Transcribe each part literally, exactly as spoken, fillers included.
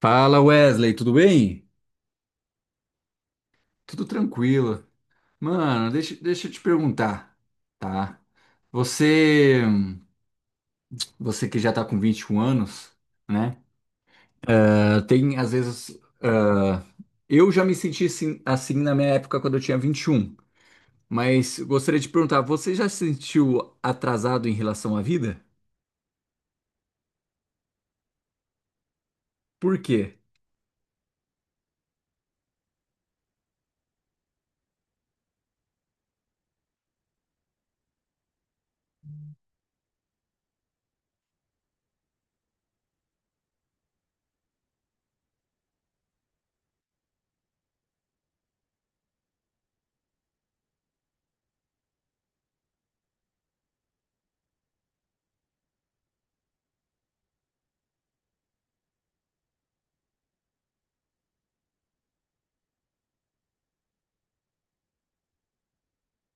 Fala, Wesley, tudo bem? Tudo tranquilo. Mano, deixa, deixa eu te perguntar, tá? Você, você que já tá com vinte e um anos, né? Ah, tem, às vezes, ah, eu já me senti assim, assim na minha época quando eu tinha vinte e um. Mas gostaria de perguntar, você já se sentiu atrasado em relação à vida? Por quê?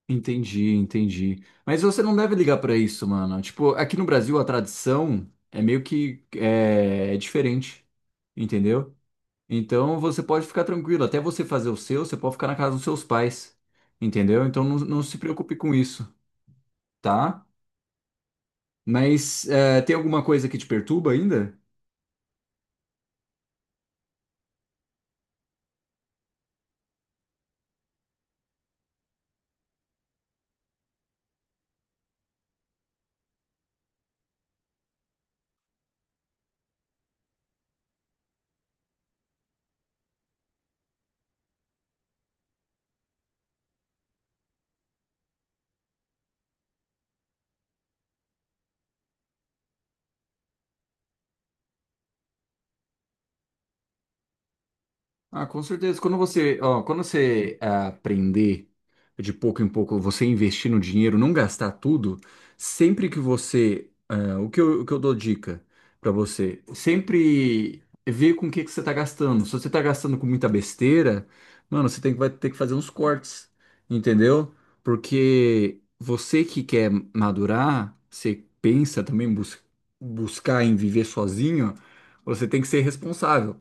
Entendi, entendi. Mas você não deve ligar pra isso, mano. Tipo, aqui no Brasil a tradição é meio que é, é diferente, entendeu? Então você pode ficar tranquilo. Até você fazer o seu, você pode ficar na casa dos seus pais, entendeu? Então não, não se preocupe com isso, tá? Mas é, tem alguma coisa que te perturba ainda? Ah, com certeza. Quando você, ó, quando você ah, aprender de pouco em pouco, você investir no dinheiro, não gastar tudo, sempre que você, ah, o que eu, o que eu dou dica pra você, sempre ver com o que que você tá gastando. Se você tá gastando com muita besteira, mano, você tem que, vai ter que fazer uns cortes, entendeu? Porque você que quer madurar, você pensa também em bus- buscar em viver sozinho, você tem que ser responsável.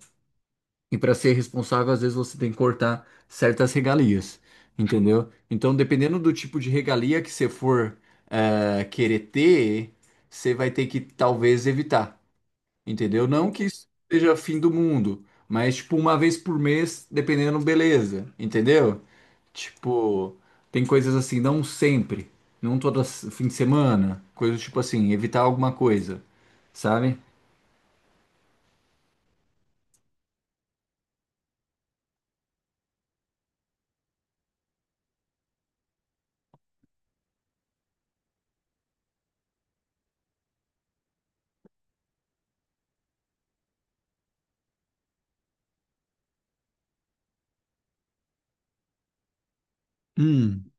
E para ser responsável, às vezes você tem que cortar certas regalias, entendeu? Então, dependendo do tipo de regalia que você for eh, querer ter, você vai ter que talvez evitar, entendeu? Não que isso seja fim do mundo, mas tipo uma vez por mês, dependendo, beleza, entendeu? Tipo, tem coisas assim, não sempre, não todo s- fim de semana, coisas tipo assim, evitar alguma coisa, sabe? Hum.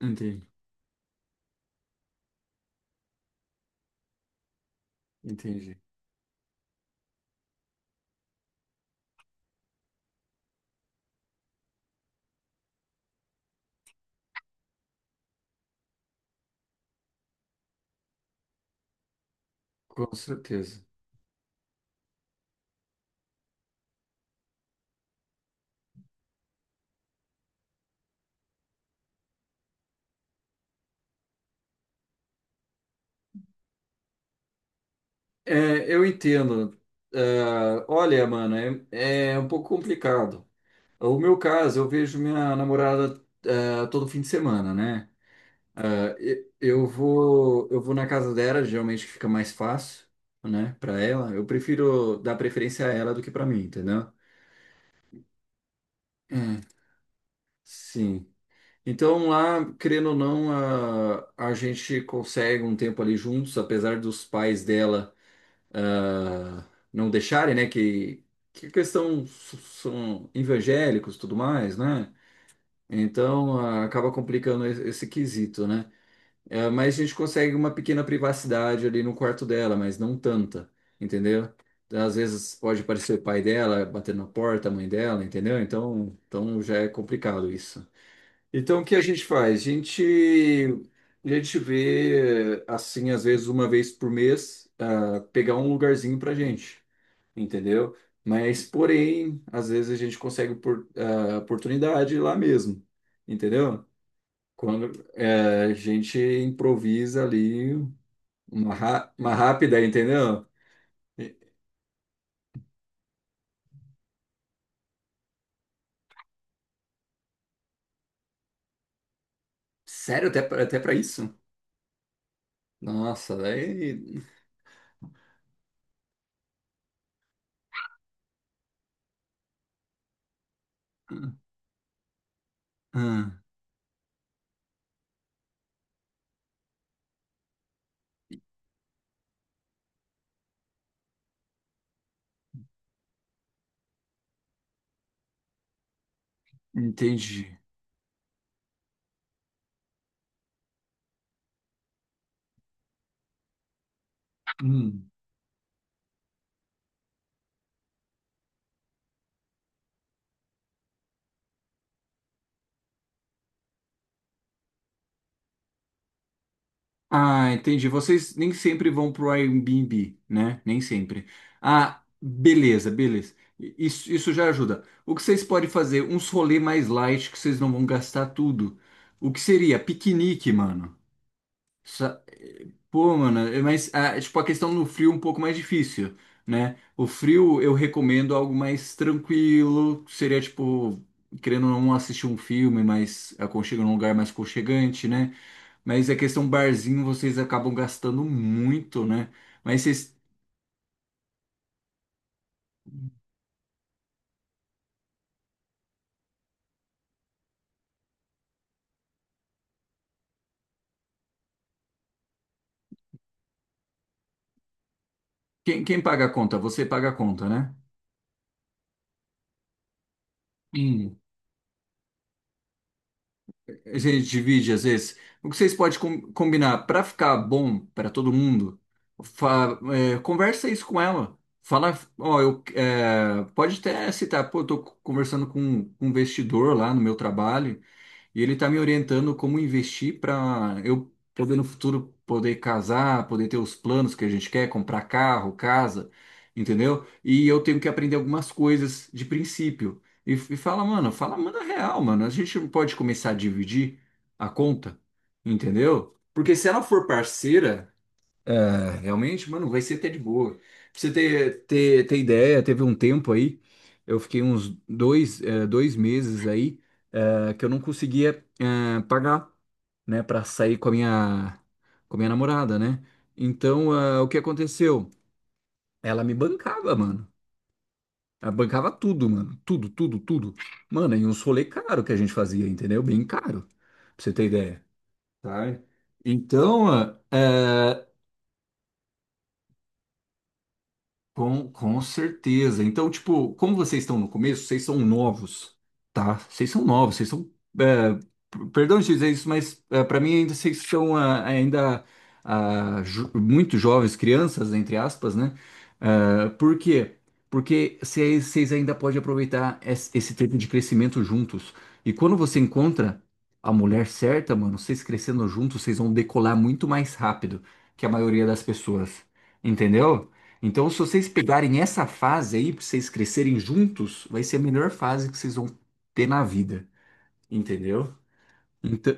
Entendi, entendi. Com certeza. É, eu entendo. Ah, olha, mano, é, é um pouco complicado. O meu caso, eu vejo minha namorada, ah, todo fim de semana, né? Ah, e- eu vou, eu vou na casa dela, geralmente fica mais fácil, né, para ela. Eu prefiro dar preferência a ela do que para mim, entendeu? É, sim. Então lá, querendo ou não, a, a gente consegue um tempo ali juntos, apesar dos pais dela ah, não deixarem, né, que, que questão s- são evangélicos, e tudo mais, né? Então ah, acaba complicando es- esse quesito, né? Eh, mas a gente consegue uma pequena privacidade ali no quarto dela, mas não tanta, entendeu? Às vezes pode aparecer o pai dela batendo na porta, a mãe dela, entendeu? Então, então já é complicado isso. Então o que a gente faz? A gente a gente vê, assim, às vezes uma vez por mês, ah, pegar um lugarzinho pra gente, entendeu? Mas, porém, às vezes a gente consegue por, a oportunidade lá mesmo, entendeu? Quando eh, a gente improvisa ali uma, rá- uma rápida, entendeu? E- Sério, até, pra- até para isso? Nossa, daí. Ah, entendi. Hum. Ah, entendi. Vocês nem sempre vão pro Airbnb, né? Nem sempre. Ah, beleza, beleza. I- Isso, isso já ajuda. O que vocês podem fazer? Uns rolê mais light que vocês não vão gastar tudo. O que seria? Piquenique, mano. Sa- eh, Pô, mano, é, mas ah, tipo, a questão no frio é um pouco mais difícil, né? O frio eu recomendo algo mais tranquilo, seria tipo, querendo ou não assistir um filme, mas aconchega num lugar mais aconchegante, né? Mas a questão barzinho, vocês acabam gastando muito, né? Mas vocês, quem, quem paga a conta? Você paga a conta, né? Hum. A gente divide às vezes. O que vocês podem com- combinar para ficar bom para todo mundo? fa- é, conversa isso com ela. Fala, ó, eu, é, pode até citar, pô, eu tô conversando com um investidor lá no meu trabalho. E ele tá me orientando como investir para eu poder no futuro poder casar, poder ter os planos que a gente quer, comprar carro, casa, entendeu? E eu tenho que aprender algumas coisas de princípio. E, e fala, mano, fala, manda real, mano. A gente não pode começar a dividir a conta, entendeu? Porque se ela for parceira é, realmente, mano, vai ser até de boa. Pra você ter, ter, ter ideia, teve um tempo aí, eu fiquei uns dois, é, dois meses aí, é, que eu não conseguia, é, pagar, né, pra sair com a minha, com a minha namorada, né? Então, é, o que aconteceu? Ela me bancava, mano. Ela bancava tudo, mano. Tudo, tudo, tudo. Mano, e uns rolê caro que a gente fazia, entendeu? Bem caro, pra você ter ideia, tá? Então, é. Com, com certeza. Então, tipo, como vocês estão no começo, vocês são novos, tá? Vocês são novos, vocês são. É, p- perdão de dizer isso, mas é, para mim ainda vocês são ah, ainda ah, jo- muito jovens, crianças, entre aspas, né? Ah, por quê? Porque vocês vocês ainda podem aproveitar es- esse tempo de crescimento juntos. E quando você encontra a mulher certa, mano, vocês crescendo juntos, vocês vão decolar muito mais rápido que a maioria das pessoas. Entendeu? Então, se vocês pegarem essa fase aí, pra vocês crescerem juntos, vai ser a melhor fase que vocês vão ter na vida, entendeu? Então,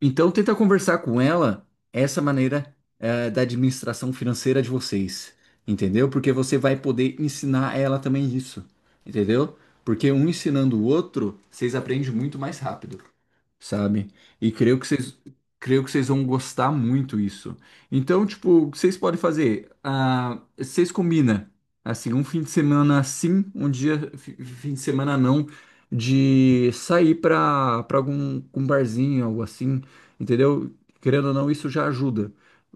então, tenta conversar com ela essa maneira eh, da administração financeira de vocês, entendeu? Porque você vai poder ensinar ela também isso, entendeu? Porque um ensinando o outro, vocês aprendem muito mais rápido, sabe? E creio que vocês, creio que vocês vão gostar muito isso. Então, tipo, o que vocês podem fazer? Ah, vocês combinam, assim, um fim de semana sim, um dia, fi- fim de semana não, de sair pra para algum um barzinho, algo assim. Entendeu? Querendo ou não, isso já ajuda.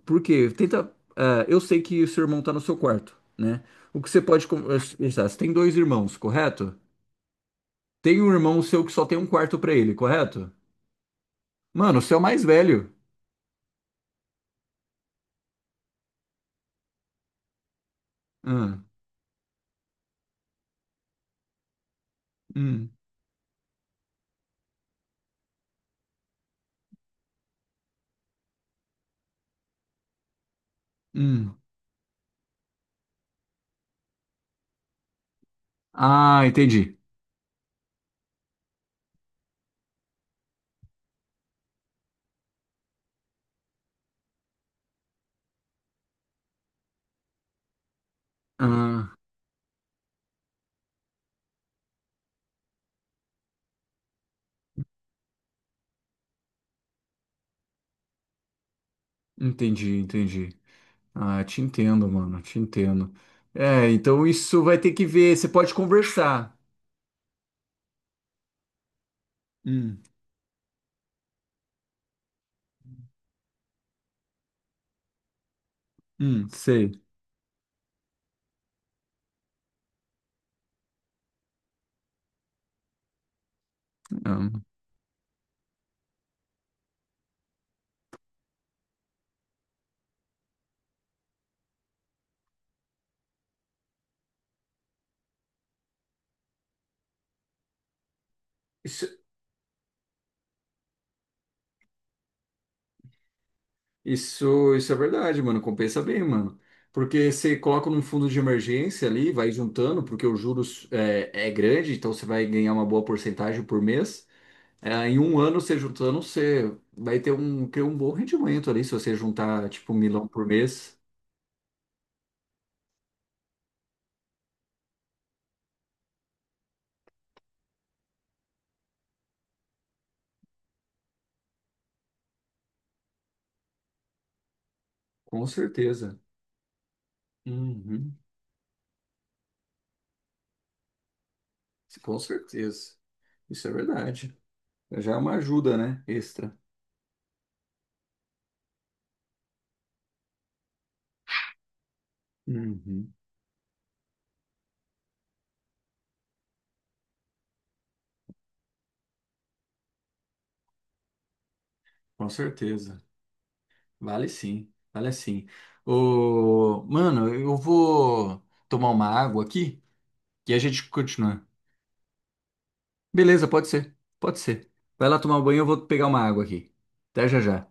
Porque tenta. Ah, eu sei que o seu irmão está no seu quarto, né? O que você pode conversar? Você tem dois irmãos, correto? Tem um irmão seu que só tem um quarto para ele, correto? Mano, você é o mais velho. Ah, hum, hum. Ah, entendi. Ah, entendi, entendi. Ah, te entendo, mano, te entendo. É, então isso vai ter que ver. Você pode conversar. Hum, hum, sei. Ah. Isso, isso é verdade, mano. Compensa bem, mano. Porque você coloca num fundo de emergência ali, vai juntando, porque o juros é, é grande, então você vai ganhar uma boa porcentagem por mês. É, em um ano, você juntando, você vai ter um, ter um bom rendimento ali, se você juntar, tipo, um milão por mês. Com certeza. Uhum. Com certeza. Isso é verdade. Já é uma ajuda, né? Extra. Uhum. Com certeza. Vale sim, vale sim. Ô, mano, eu vou tomar uma água aqui e a gente continua. Beleza, pode ser, pode ser. Vai lá tomar um banho, eu vou pegar uma água aqui. Até já já.